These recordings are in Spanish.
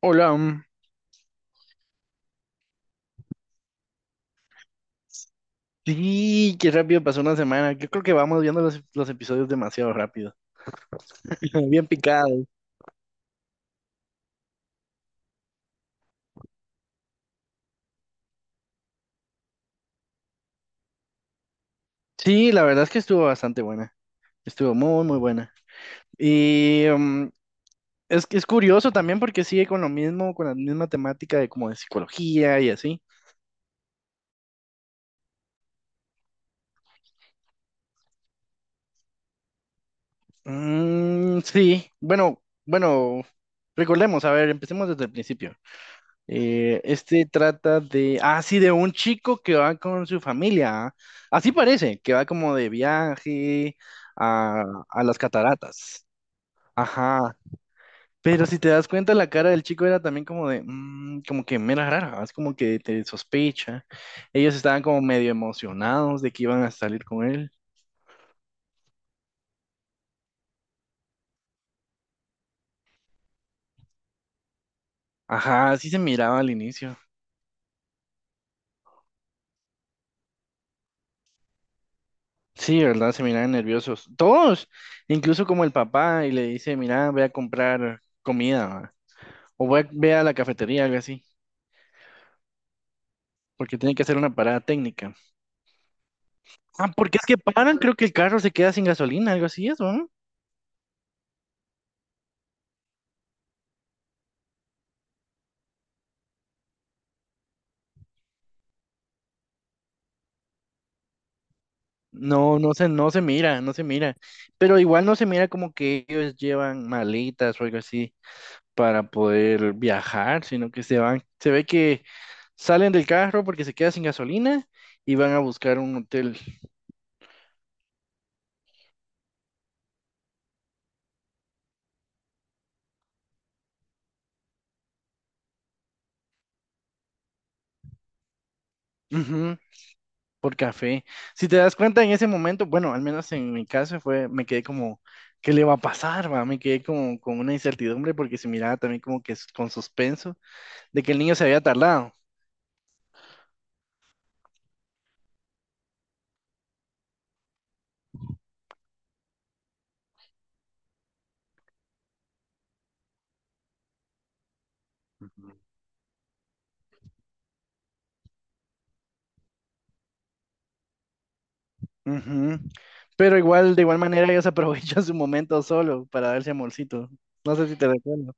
Hola, sí, qué rápido pasó una semana. Yo creo que vamos viendo los episodios demasiado rápido. Bien picado. Sí, la verdad es que estuvo bastante buena. Estuvo muy, muy buena. Y es que es curioso también porque sigue con lo mismo, con la misma temática de como de psicología y así. Sí, bueno, recordemos, a ver, empecemos desde el principio. Este trata de, ah, sí, de un chico que va con su familia. ¿Ah? Así parece, que va como de viaje a, a las cataratas. Ajá. Pero si te das cuenta, la cara del chico era también como de, como que mera rara, es como que te sospecha. Ellos estaban como medio emocionados de que iban a salir con él. Ajá, así se miraba al inicio. Sí, ¿verdad? Se miraban nerviosos. Todos, incluso como el papá, y le dice, mira, voy a comprar comida. O voy a, ve a la cafetería, algo así, porque tiene que hacer una parada técnica. Ah, porque es que paran, creo que el carro se queda sin gasolina, algo así, eso, ¿no? No, no se mira, no se mira. Pero igual no se mira como que ellos llevan maletas o algo así para poder viajar, sino que se van, se ve que salen del carro porque se queda sin gasolina y van a buscar un hotel. Ujú. Por café. Si te das cuenta en ese momento, bueno, al menos en mi caso fue, me quedé como, ¿qué le va a pasar, va? Me quedé como con una incertidumbre porque se miraba también como que con suspenso de que el niño se había tardado. Ujú. Pero igual, de igual manera, ellos aprovechan su momento solo para darse amorcito. No sé si te recuerdo.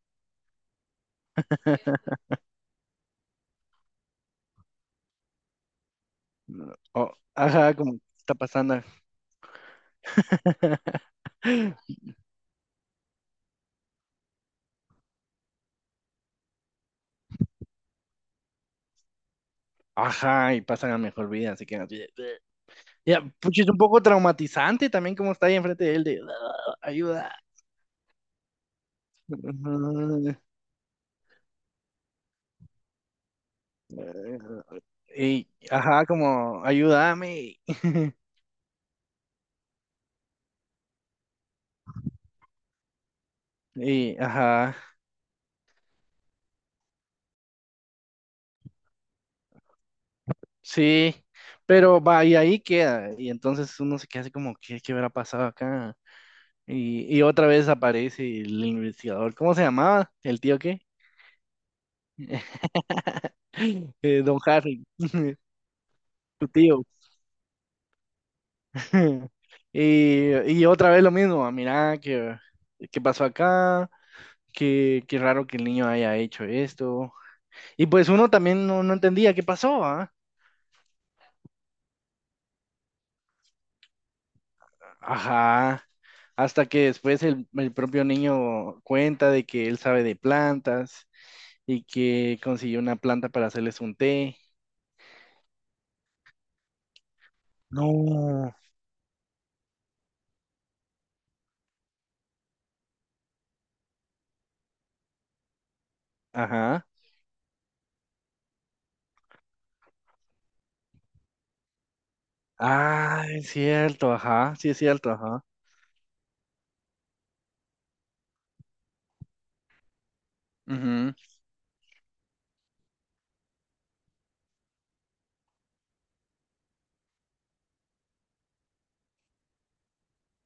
O ajá, como ¿qué está pasando? Ajá, y pasan a mejor vida, así que... Ya, pucha, es un poco traumatizante también como está ahí enfrente de él de "Ah, ayuda." Y, ajá, como, ayúdame. Y, ajá, sí, pero va, y ahí queda. Y entonces uno se queda así como, ¿qué, qué habrá pasado acá? Y otra vez aparece el investigador. ¿Cómo se llamaba? ¿El tío qué? Don Harry, tu tío. Y, y otra vez lo mismo, ah, mira, que ¿qué pasó acá? ¿Qué, qué raro que el niño haya hecho esto? Y pues uno también no entendía qué pasó, ¿ah? Ajá, hasta que después el propio niño cuenta de que él sabe de plantas y que consiguió una planta para hacerles un té. No. Ajá. Ah, es cierto, ajá, sí es cierto, ajá.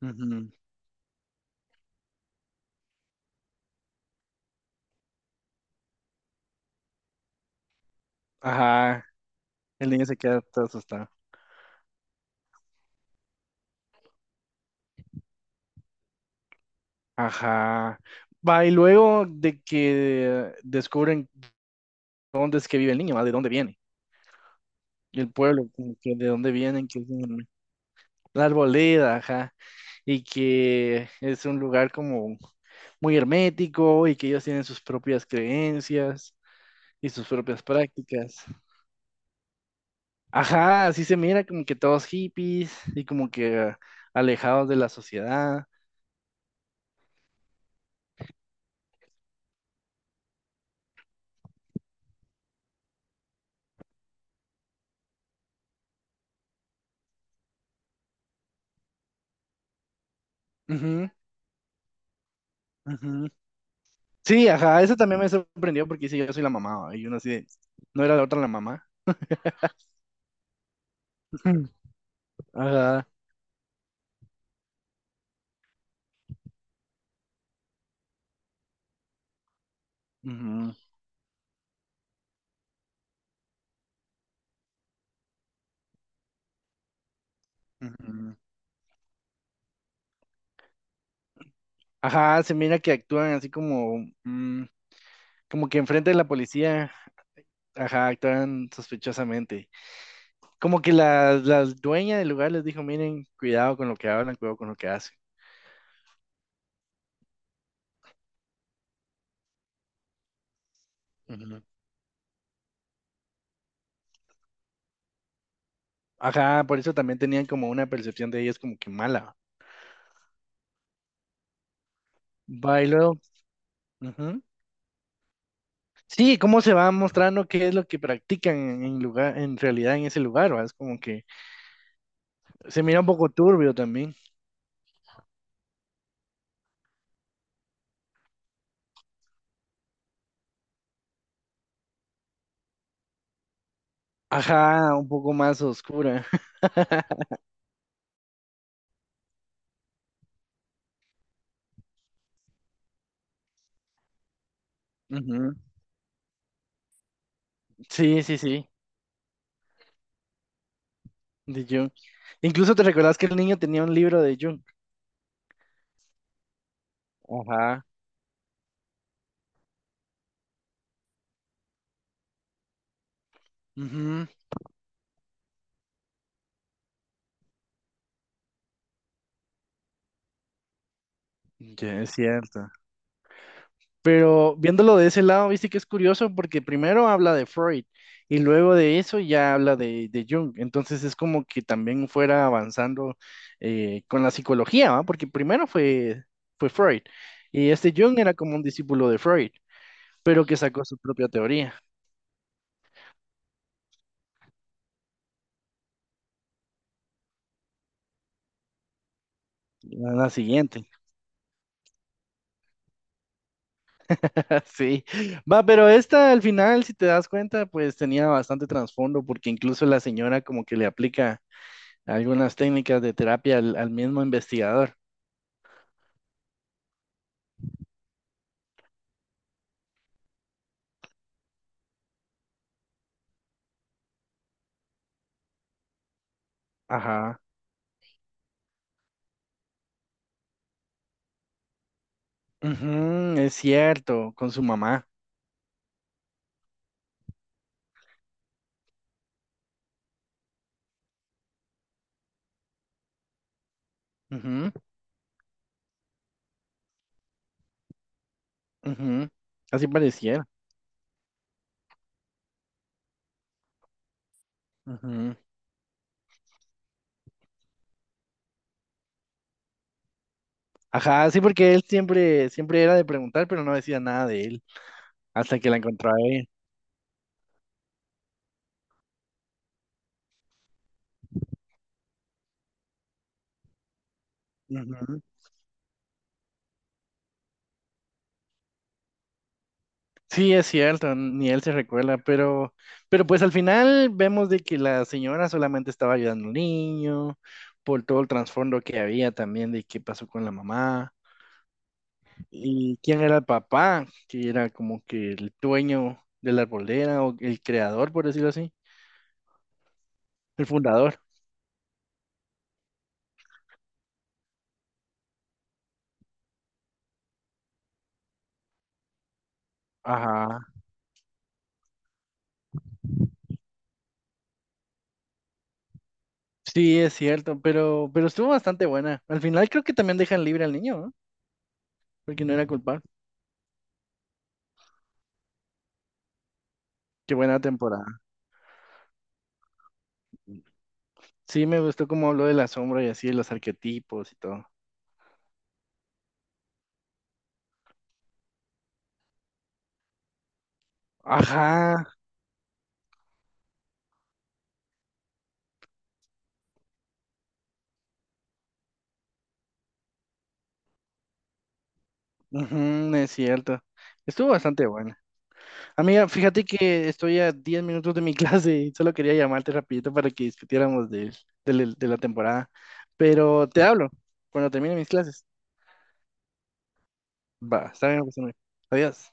Ujú, ujú. Ajá, el niño se queda todo asustado. Ajá. Va, y luego de que descubren dónde es que vive el niño, ¿va? ¿De dónde viene? El pueblo, como que de dónde vienen, que es La Arboleda, ajá. Y que es un lugar como muy hermético y que ellos tienen sus propias creencias y sus propias prácticas. Ajá, así se mira como que todos hippies y como que ah, alejados de la sociedad. Ujú, ujú. Sí, ajá, eso también me sorprendió porque sí, yo soy la mamá, ¿va? Y uno así de, no era la otra la mamá. Ajá. Ujú, ujú. Ajá, se mira que actúan así como, como que enfrente de la policía. Ajá, actúan sospechosamente. Como que la dueña del lugar les dijo, miren, cuidado con lo que hablan, cuidado con lo que hacen. Ujú. Ajá, por eso también tenían como una percepción de ellos como que mala. Va y luego, ujú. Sí, cómo se va mostrando qué es lo que practican en lugar, en realidad en ese lugar, ¿va? Es como que se mira un poco turbio también. Ajá, un poco más oscura. Ujú. Sí, sí, sí, de Jung. Incluso te recordás que el niño tenía un libro de Jung. Ajá. Ujú. Ya, es cierto. Pero viéndolo de ese lado, viste que es curioso porque primero habla de Freud y luego de eso ya habla de Jung. Entonces es como que también fuera avanzando con la psicología, ¿va? Porque primero fue, fue Freud y este Jung era como un discípulo de Freud, pero que sacó su propia teoría, la siguiente. Sí, va, pero esta al final, si te das cuenta, pues tenía bastante trasfondo porque incluso la señora como que le aplica algunas técnicas de terapia al mismo investigador. Ajá. Ujú, es cierto, con su mamá. Ujú, ujú. Así pareciera. Ujú. Ajá, sí, porque él siempre, siempre era de preguntar, pero no decía nada de él hasta que la encontró a ella. Ujú. Sí, es cierto, ni él se recuerda, pero pues al final vemos de que la señora solamente estaba ayudando al niño, por todo el trasfondo que había también de qué pasó con la mamá. ¿Y quién era el papá? Que era como que el dueño de la arboleda o el creador, por decirlo así, el fundador. Ajá. Sí, es cierto, pero estuvo bastante buena. Al final creo que también dejan libre al niño, ¿no? Porque no era culpable. Qué buena temporada. Sí, me gustó cómo habló de la sombra y así, de los arquetipos y todo. Ajá, ujú, es cierto. Estuvo bastante bueno. Amiga, fíjate que estoy a 10 minutos de mi clase y solo quería llamarte rapidito para que discutiéramos de la temporada. Pero te hablo cuando termine mis clases. Va, está bien, pues, amigo. Adiós.